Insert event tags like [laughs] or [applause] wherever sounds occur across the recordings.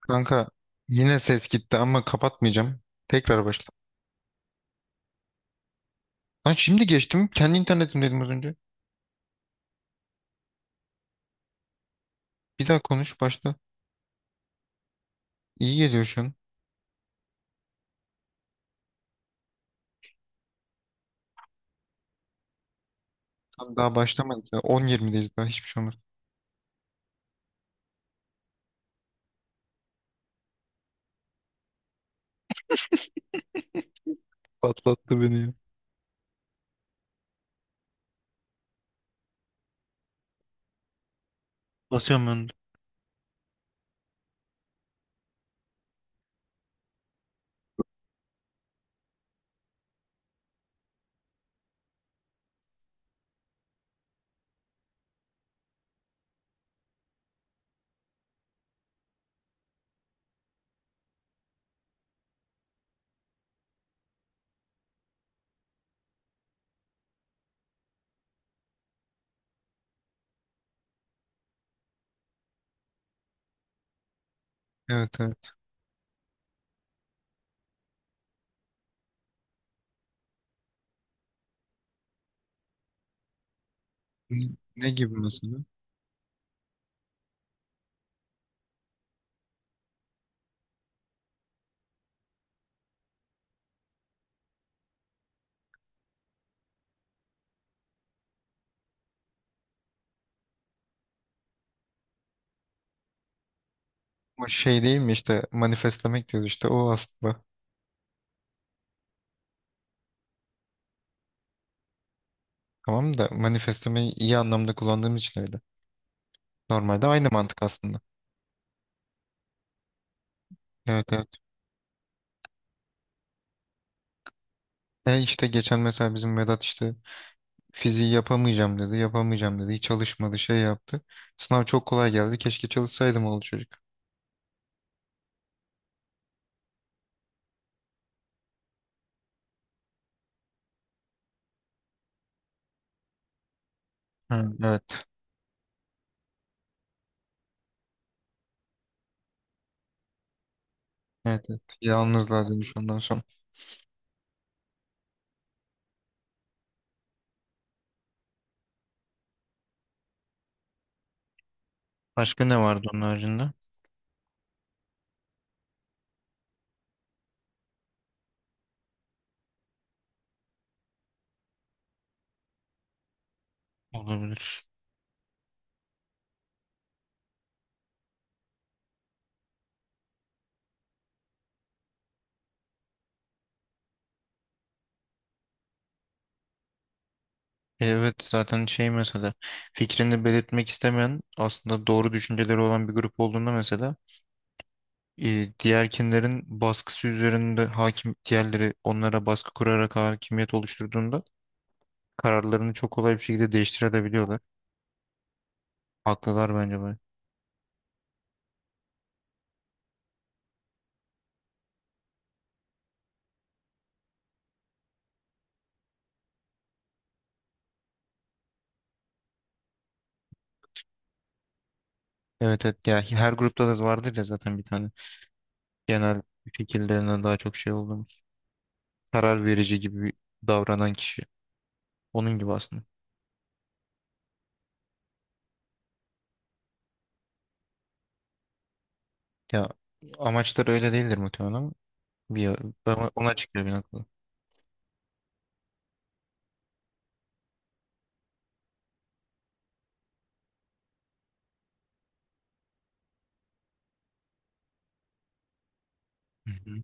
Kanka yine ses gitti ama kapatmayacağım. Tekrar başla. Lan şimdi geçtim. Kendi internetim dedim az önce. Bir daha konuş başla. İyi geliyor şu an. Tam daha başlamadık ya. 10-20'deyiz daha hiçbir şey olmaz. Patlattı beni ya. Basıyorum ben de. Evet evet. Ne ne gibi mesela? O şey değil mi işte manifestlemek diyoruz işte o aslında. Tamam da manifestlemeyi iyi anlamda kullandığımız için öyle. Normalde aynı mantık aslında. Evet evet. E işte geçen mesela bizim Vedat işte fiziği yapamayacağım dedi, yapamayacağım dedi. Hiç çalışmadı, şey yaptı. Sınav çok kolay geldi. Keşke çalışsaydım oğlu çocuk. Hı, evet. Evet, evet. Yalnızlığa dönüş ondan sonra. Başka ne vardı onun haricinde? Olabilir. Evet zaten şey mesela fikrini belirtmek istemeyen aslında doğru düşünceleri olan bir grup olduğunda mesela diğerkinlerin baskısı üzerinde hakim diğerleri onlara baskı kurarak hakimiyet oluşturduğunda kararlarını çok kolay bir şekilde değiştirebiliyorlar. Haklılar bence. Evet evet ya her grupta da vardır ya zaten bir tane genel fikirlerine daha çok şey olduğumuz karar verici gibi davranan kişi. Onun gibi aslında. Ya amaçları öyle değildir muhtemelen ama bir ama ona çıkıyor bir noktada. Hı hı.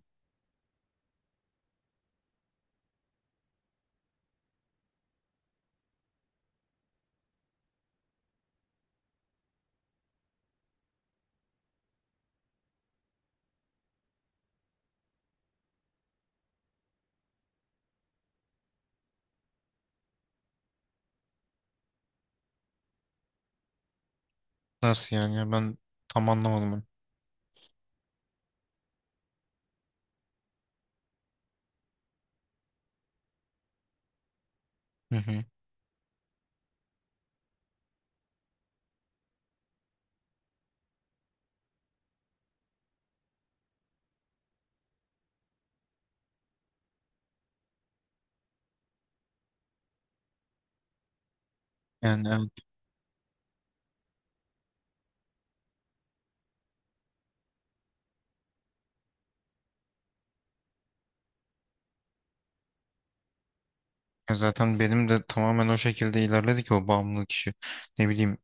Nasıl yani ya ben tam anlamadım onu. Hı hı. Yani evet. Ya zaten benim de tamamen o şekilde ilerledi ki o bağımlılık işi. Ne bileyim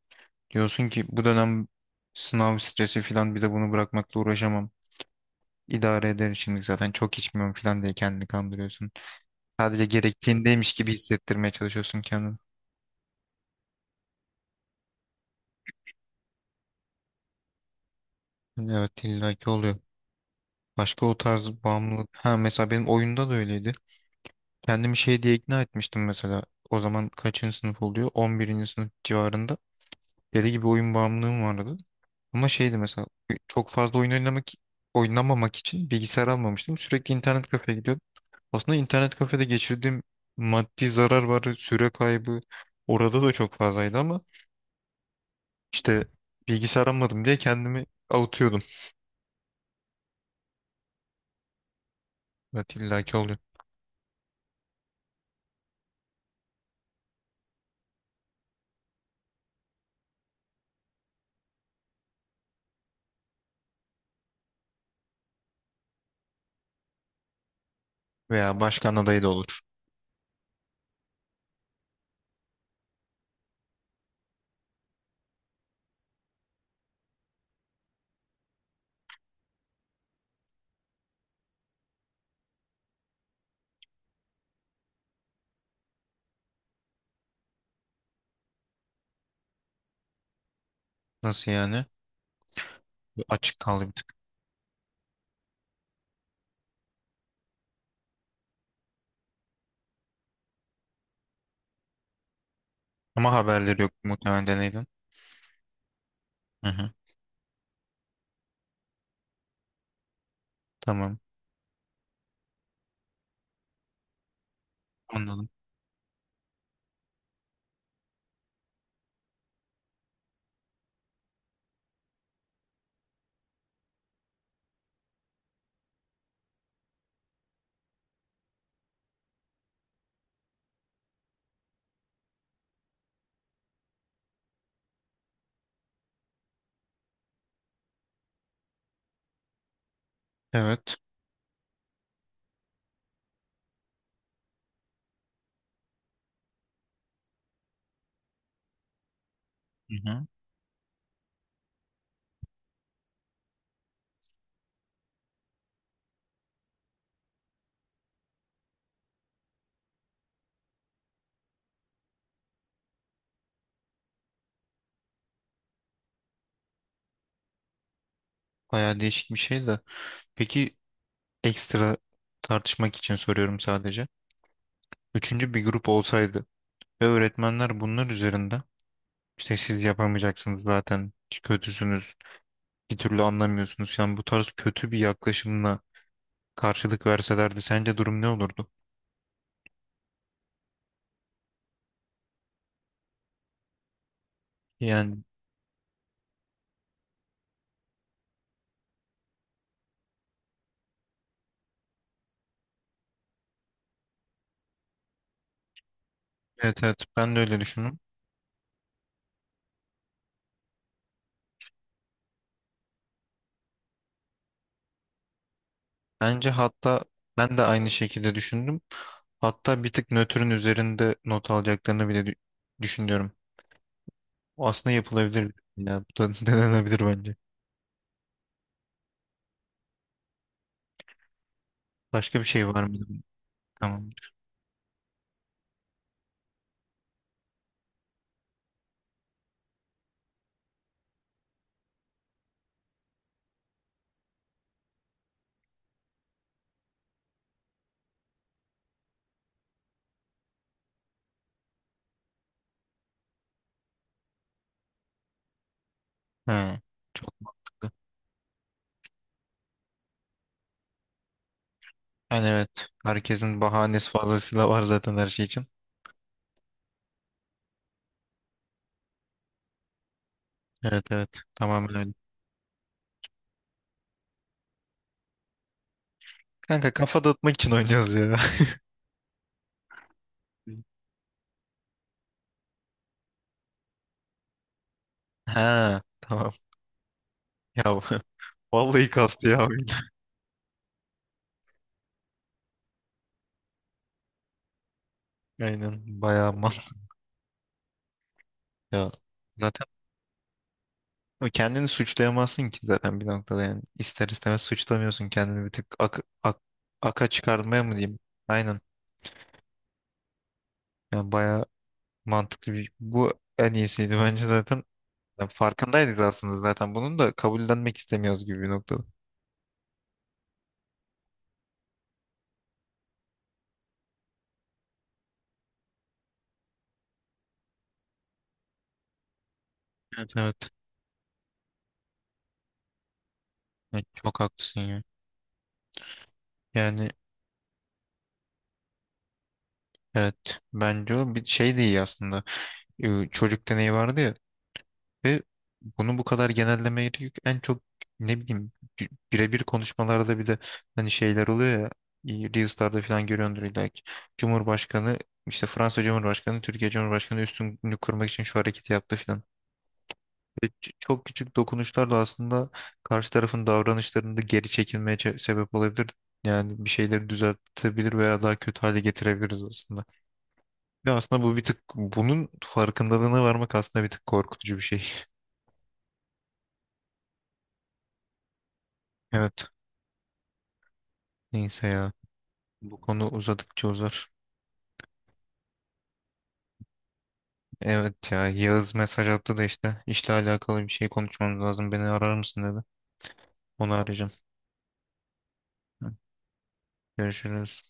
diyorsun ki bu dönem sınav stresi falan bir de bunu bırakmakla uğraşamam. İdare ederim şimdi zaten çok içmiyorum falan diye kendini kandırıyorsun. Sadece gerektiğindeymiş gibi hissettirmeye çalışıyorsun kendini. Evet illaki oluyor. Başka o tarz bağımlılık. Ha mesela benim oyunda da öyleydi. Kendimi şey diye ikna etmiştim mesela. O zaman kaçıncı sınıf oluyor? 11. sınıf civarında. Deli gibi oyun bağımlılığım vardı. Ama şeydi mesela çok fazla oyun oynamak oynamamak için bilgisayar almamıştım. Sürekli internet kafeye gidiyordum. Aslında internet kafede geçirdiğim maddi zarar var, süre kaybı orada da çok fazlaydı ama işte bilgisayar almadım diye kendimi avutuyordum. Evet illaki oluyor. Veya başkan adayı da olur. Nasıl yani? Açık kaldı bir tık. Ama haberleri yok muhtemelen deneyden. Hı hı. Tamam. Anladım. Evet. Hı hı. Bayağı değişik bir şey de. Peki ekstra tartışmak için soruyorum sadece. Üçüncü bir grup olsaydı ve öğretmenler bunlar üzerinde işte siz yapamayacaksınız zaten, kötüsünüz, bir türlü anlamıyorsunuz. Yani bu tarz kötü bir yaklaşımla karşılık verselerdi sence durum ne olurdu? Yani evet, evet, ben de öyle düşündüm. Bence hatta ben de aynı şekilde düşündüm. Hatta bir tık nötrün üzerinde not alacaklarını bile düşünüyorum. O aslında yapılabilir. Ya bu da [laughs] denenebilir bence. Başka bir şey var mı? Tamam. He, çok mantıklı. Yani evet. Herkesin bahanesi fazlasıyla var zaten her şey için. Evet evet. Tamamen öyle. Kanka kafa dağıtmak için oynuyoruz ya. [laughs] Ha tamam. Ya [laughs] vallahi kastı ya oyun. [laughs] Aynen. Bayağı mal. Ya zaten o kendini suçlayamazsın ki zaten bir noktada yani. İster istemez suçlamıyorsun kendini bir tık aka çıkarmaya mı diyeyim? Aynen. Yani bayağı mantıklı bir... Bu en iyisiydi [laughs] bence zaten. Yani farkındaydık aslında zaten. Bunun da kabullenmek istemiyoruz gibi bir noktada. Evet evet. Evet, çok haklısın ya. Yani evet. Bence o bir şey de iyi aslında. Çocuk deneyi vardı ya. Ve bunu bu kadar genellemeye yük en çok ne bileyim birebir konuşmalarda bile hani şeyler oluyor ya Reels'larda falan görüyordur illa ki. Cumhurbaşkanı işte Fransa Cumhurbaşkanı Türkiye Cumhurbaşkanı üstünlüğünü kurmak için şu hareketi yaptı falan. Ve çok küçük dokunuşlarla aslında karşı tarafın davranışlarında geri çekilmeye sebep olabilir. Yani bir şeyleri düzeltebilir veya daha kötü hale getirebiliriz aslında. Ve aslında bu bir tık bunun farkındalığına varmak aslında bir tık korkutucu bir şey. [laughs] Evet. Neyse ya. Bu konu uzadıkça uzar. Evet ya Yağız mesaj attı da işte işle alakalı bir şey konuşmamız lazım. Beni arar mısın dedi. Onu arayacağım. Hı. Görüşürüz.